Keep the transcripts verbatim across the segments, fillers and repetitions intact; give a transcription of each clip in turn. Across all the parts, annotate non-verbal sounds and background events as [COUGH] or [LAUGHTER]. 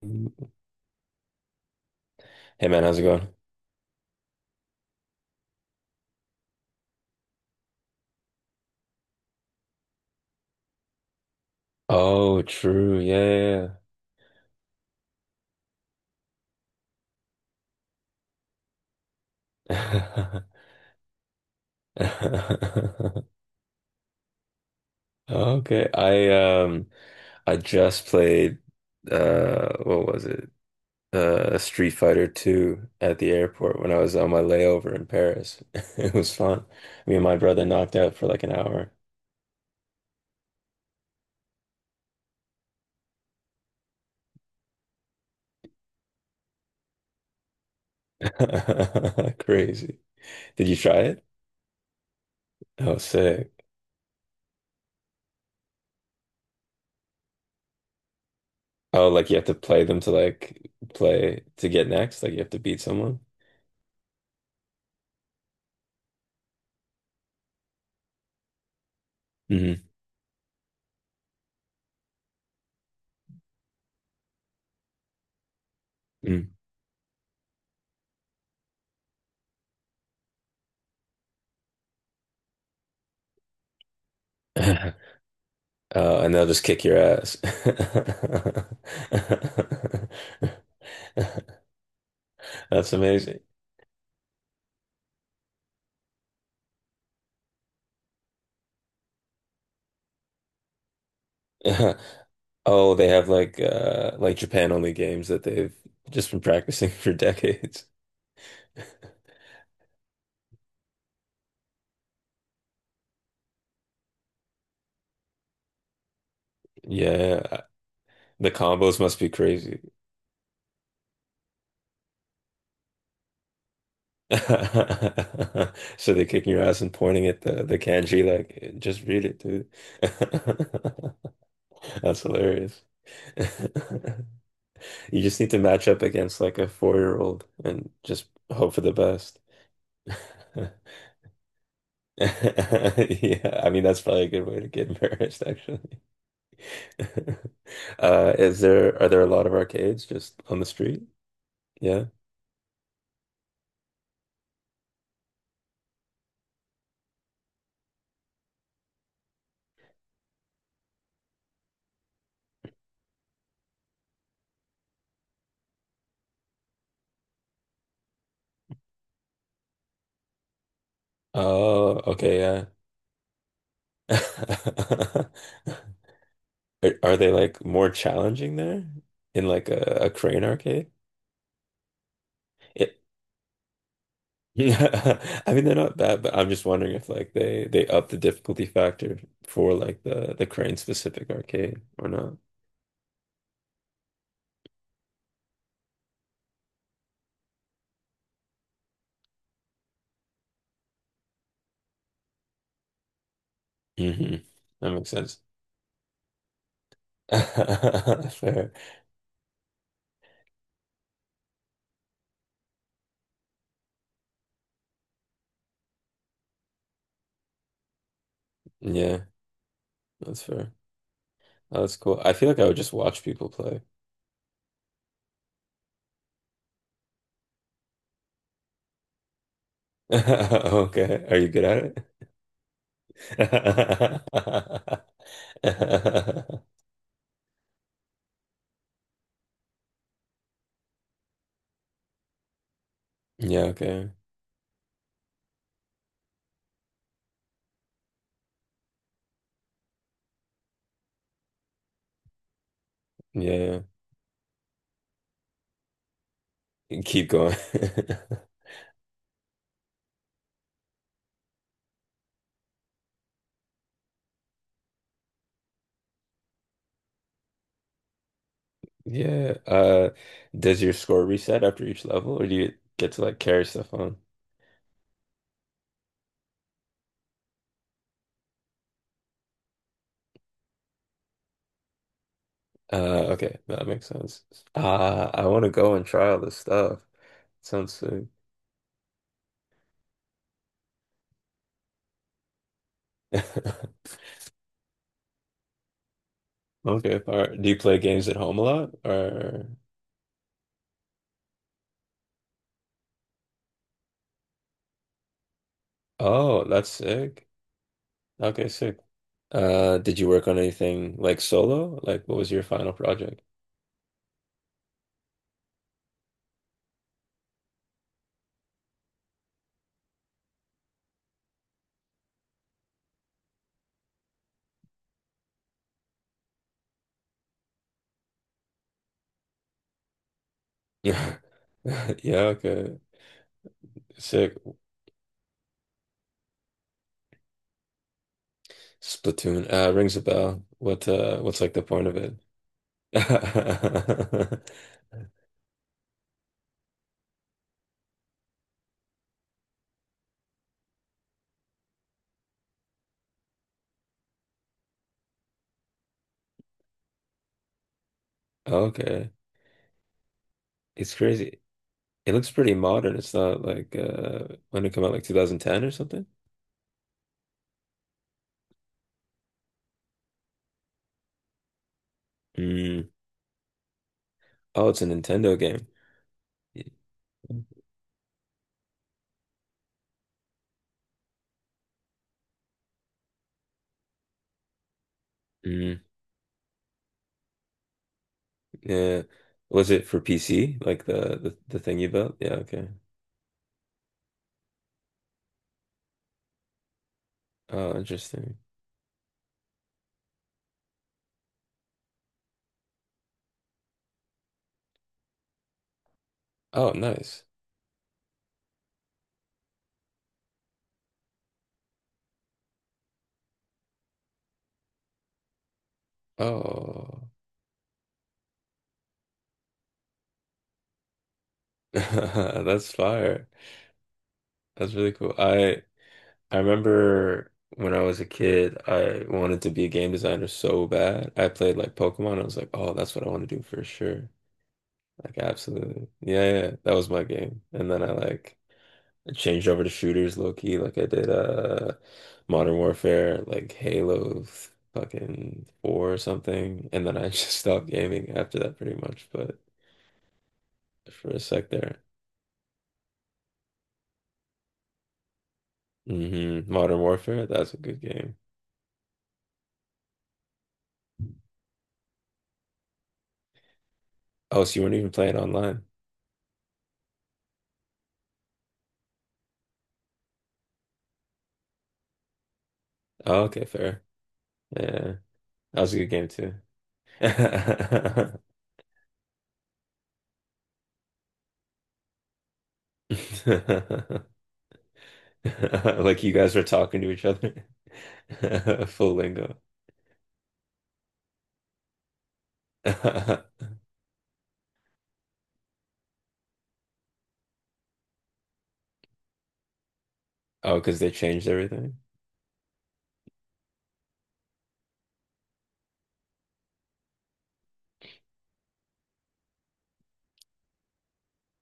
Hey man, how's it going? Oh, true. Yeah, yeah, yeah. [LAUGHS] Okay. I um I just played uh what was it? Uh Street Fighter two at the airport when I was on my layover in Paris. [LAUGHS] It was fun. Me and my brother knocked out for like an hour. [LAUGHS] Crazy. Did you try it? Oh, sick. Oh, like you have to play them to like play to get next, like you have to beat someone. hmm [LAUGHS] Oh, and they'll just kick your ass. [LAUGHS] That's amazing. [LAUGHS] Oh, they have like uh like Japan only games that they've just been practicing [LAUGHS] for decades. Yeah, uh, the combos must be crazy. [LAUGHS] So they're kicking your ass and pointing at the the kanji like just read it, dude. [LAUGHS] That's hilarious. [LAUGHS] You just need to match up against like a four-year-old and just hope for the best. [LAUGHS] Yeah, I mean that's probably a good way to get embarrassed, actually. [LAUGHS] Uh, is there are there a lot of arcades just on the street? Yeah. Oh, okay, yeah. [LAUGHS] Are, are they like more challenging there in like a, a crane arcade? It, [LAUGHS] I mean they're not bad, but I'm just wondering if like they they up the difficulty factor for like the the crane specific arcade or not. hmm That makes sense. [LAUGHS] Fair. Yeah, that's fair. Oh, that's cool. I feel like I would just watch people play. [LAUGHS] Okay. Are you good at it? [LAUGHS] Yeah, okay. Yeah, yeah. Keep going. [LAUGHS] Yeah. Uh, does your score reset after each level or do you get to like carry stuff on? Uh, okay. That makes sense. Uh, I want to go and try all this stuff. Sounds sick. [LAUGHS] Okay. All right. Do you play games at home a lot or? Oh, that's sick. Okay, sick. Uh, did you work on anything like solo? Like, what was your final project? [LAUGHS] Yeah. Yeah, okay. Sick. Splatoon. Uh, rings a bell. What uh what's like the point of it? [LAUGHS] Okay. It's crazy. It looks pretty modern. It's not like uh when it come out like two thousand ten or something? Mm. Oh, it's a Nintendo game. Y- Mm. Yeah. Was it for P C? Like the the, the thing you built? Yeah, okay. Oh, interesting. Oh, nice. Oh. [LAUGHS] That's fire. That's really cool. I I remember when I was a kid, I wanted to be a game designer so bad. I played like Pokemon. I was like, oh, that's what I want to do for sure. Like, absolutely. Yeah, yeah, yeah. That was my game. And then I like changed over to shooters low key. Like I did uh Modern Warfare, like Halo fucking four or something. And then I [LAUGHS] just stopped gaming after that pretty much. But for a sec there. hmm Modern Warfare, that's a good game. Oh, so you weren't even playing online. Oh, okay, fair. Yeah, that was a good game too. [LAUGHS] Like you guys were talking to each other. [LAUGHS] Full lingo. [LAUGHS] Oh, because they changed everything.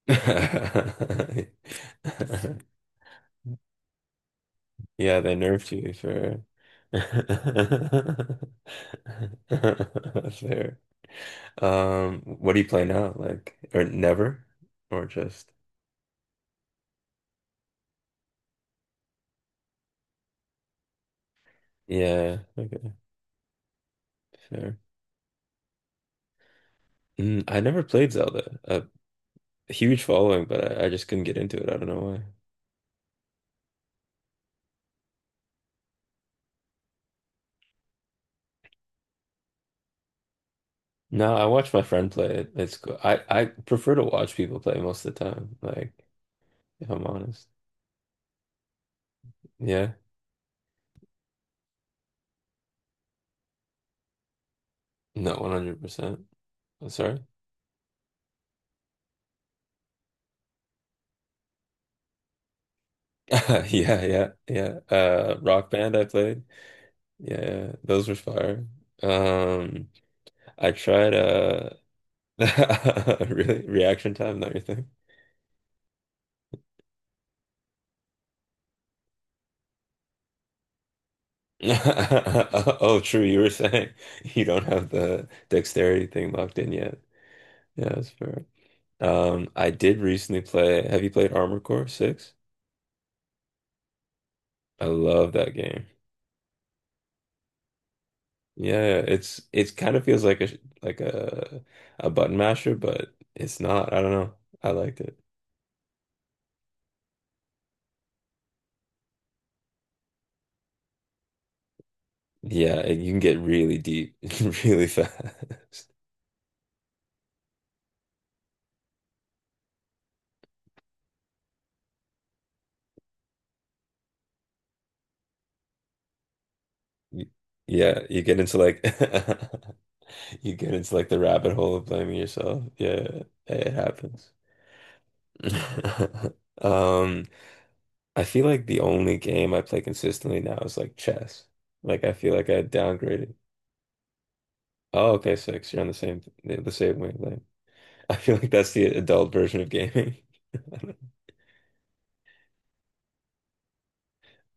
[LAUGHS] Yeah, they nerfed you for [LAUGHS] fair. Um, what do you play now? Like, or never, or just yeah, okay, fair. Mm, I never played Zelda. A huge following, but I, I just couldn't get into it. I don't know why. No, I watch my friend play it. It's cool. I, I prefer to watch people play most of the time, like if I'm honest. Yeah. No, one hundred percent. I'm sorry. [LAUGHS] Yeah, yeah, yeah. Uh, Rock Band I played. Yeah, yeah, those were fire. Um, I tried uh [LAUGHS] Really reaction time, not your thing. [LAUGHS] Oh, true. You were saying [LAUGHS] you don't have the dexterity thing locked in yet. Yeah, that's fair. Um, I did recently play. Have you played Armored Core six? I love that game. Yeah, it's it's kind of feels like a sh- like a a button masher, but it's not. I don't know. I liked it. Yeah, and you can get really deep [LAUGHS] really fast. Y- Yeah, you get into like [LAUGHS] you get into like the rabbit hole of blaming yourself. Yeah, it happens. [LAUGHS] Um, I feel like the only game I play consistently now is like chess. Like I feel like I downgraded. Oh, okay, six. You're on the same the same wavelength. [LAUGHS] I feel like that's the adult version of gaming. [LAUGHS]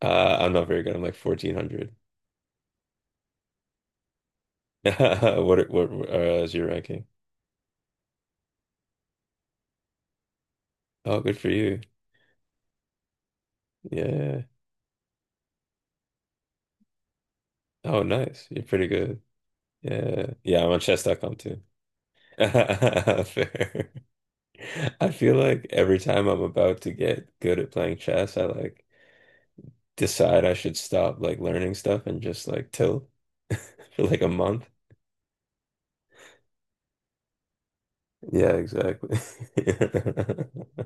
Uh, I'm not very good. I'm like fourteen hundred. [LAUGHS] What are- what uh, Is your ranking? Oh, good for you. Yeah. Oh, nice. You're pretty good. Yeah. Yeah, I'm on chess dot com too. [LAUGHS] Fair. I feel like every time I'm about to get good at playing chess, I like decide I should stop like learning stuff and just like till [LAUGHS] for like a month. Yeah, exactly. [LAUGHS]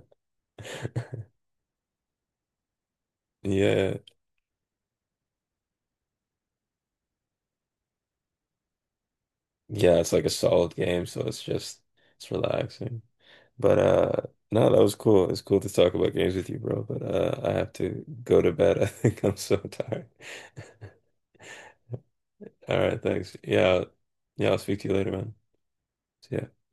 Yeah. Yeah, it's like a solid game, so it's just it's relaxing. But uh no, that was cool. It's cool to talk about games with you, bro. But uh I have to go to bed. [LAUGHS] I think I'm so tired. [LAUGHS] All right, thanks. Yeah, yeah, I'll speak to you later, man. See ya.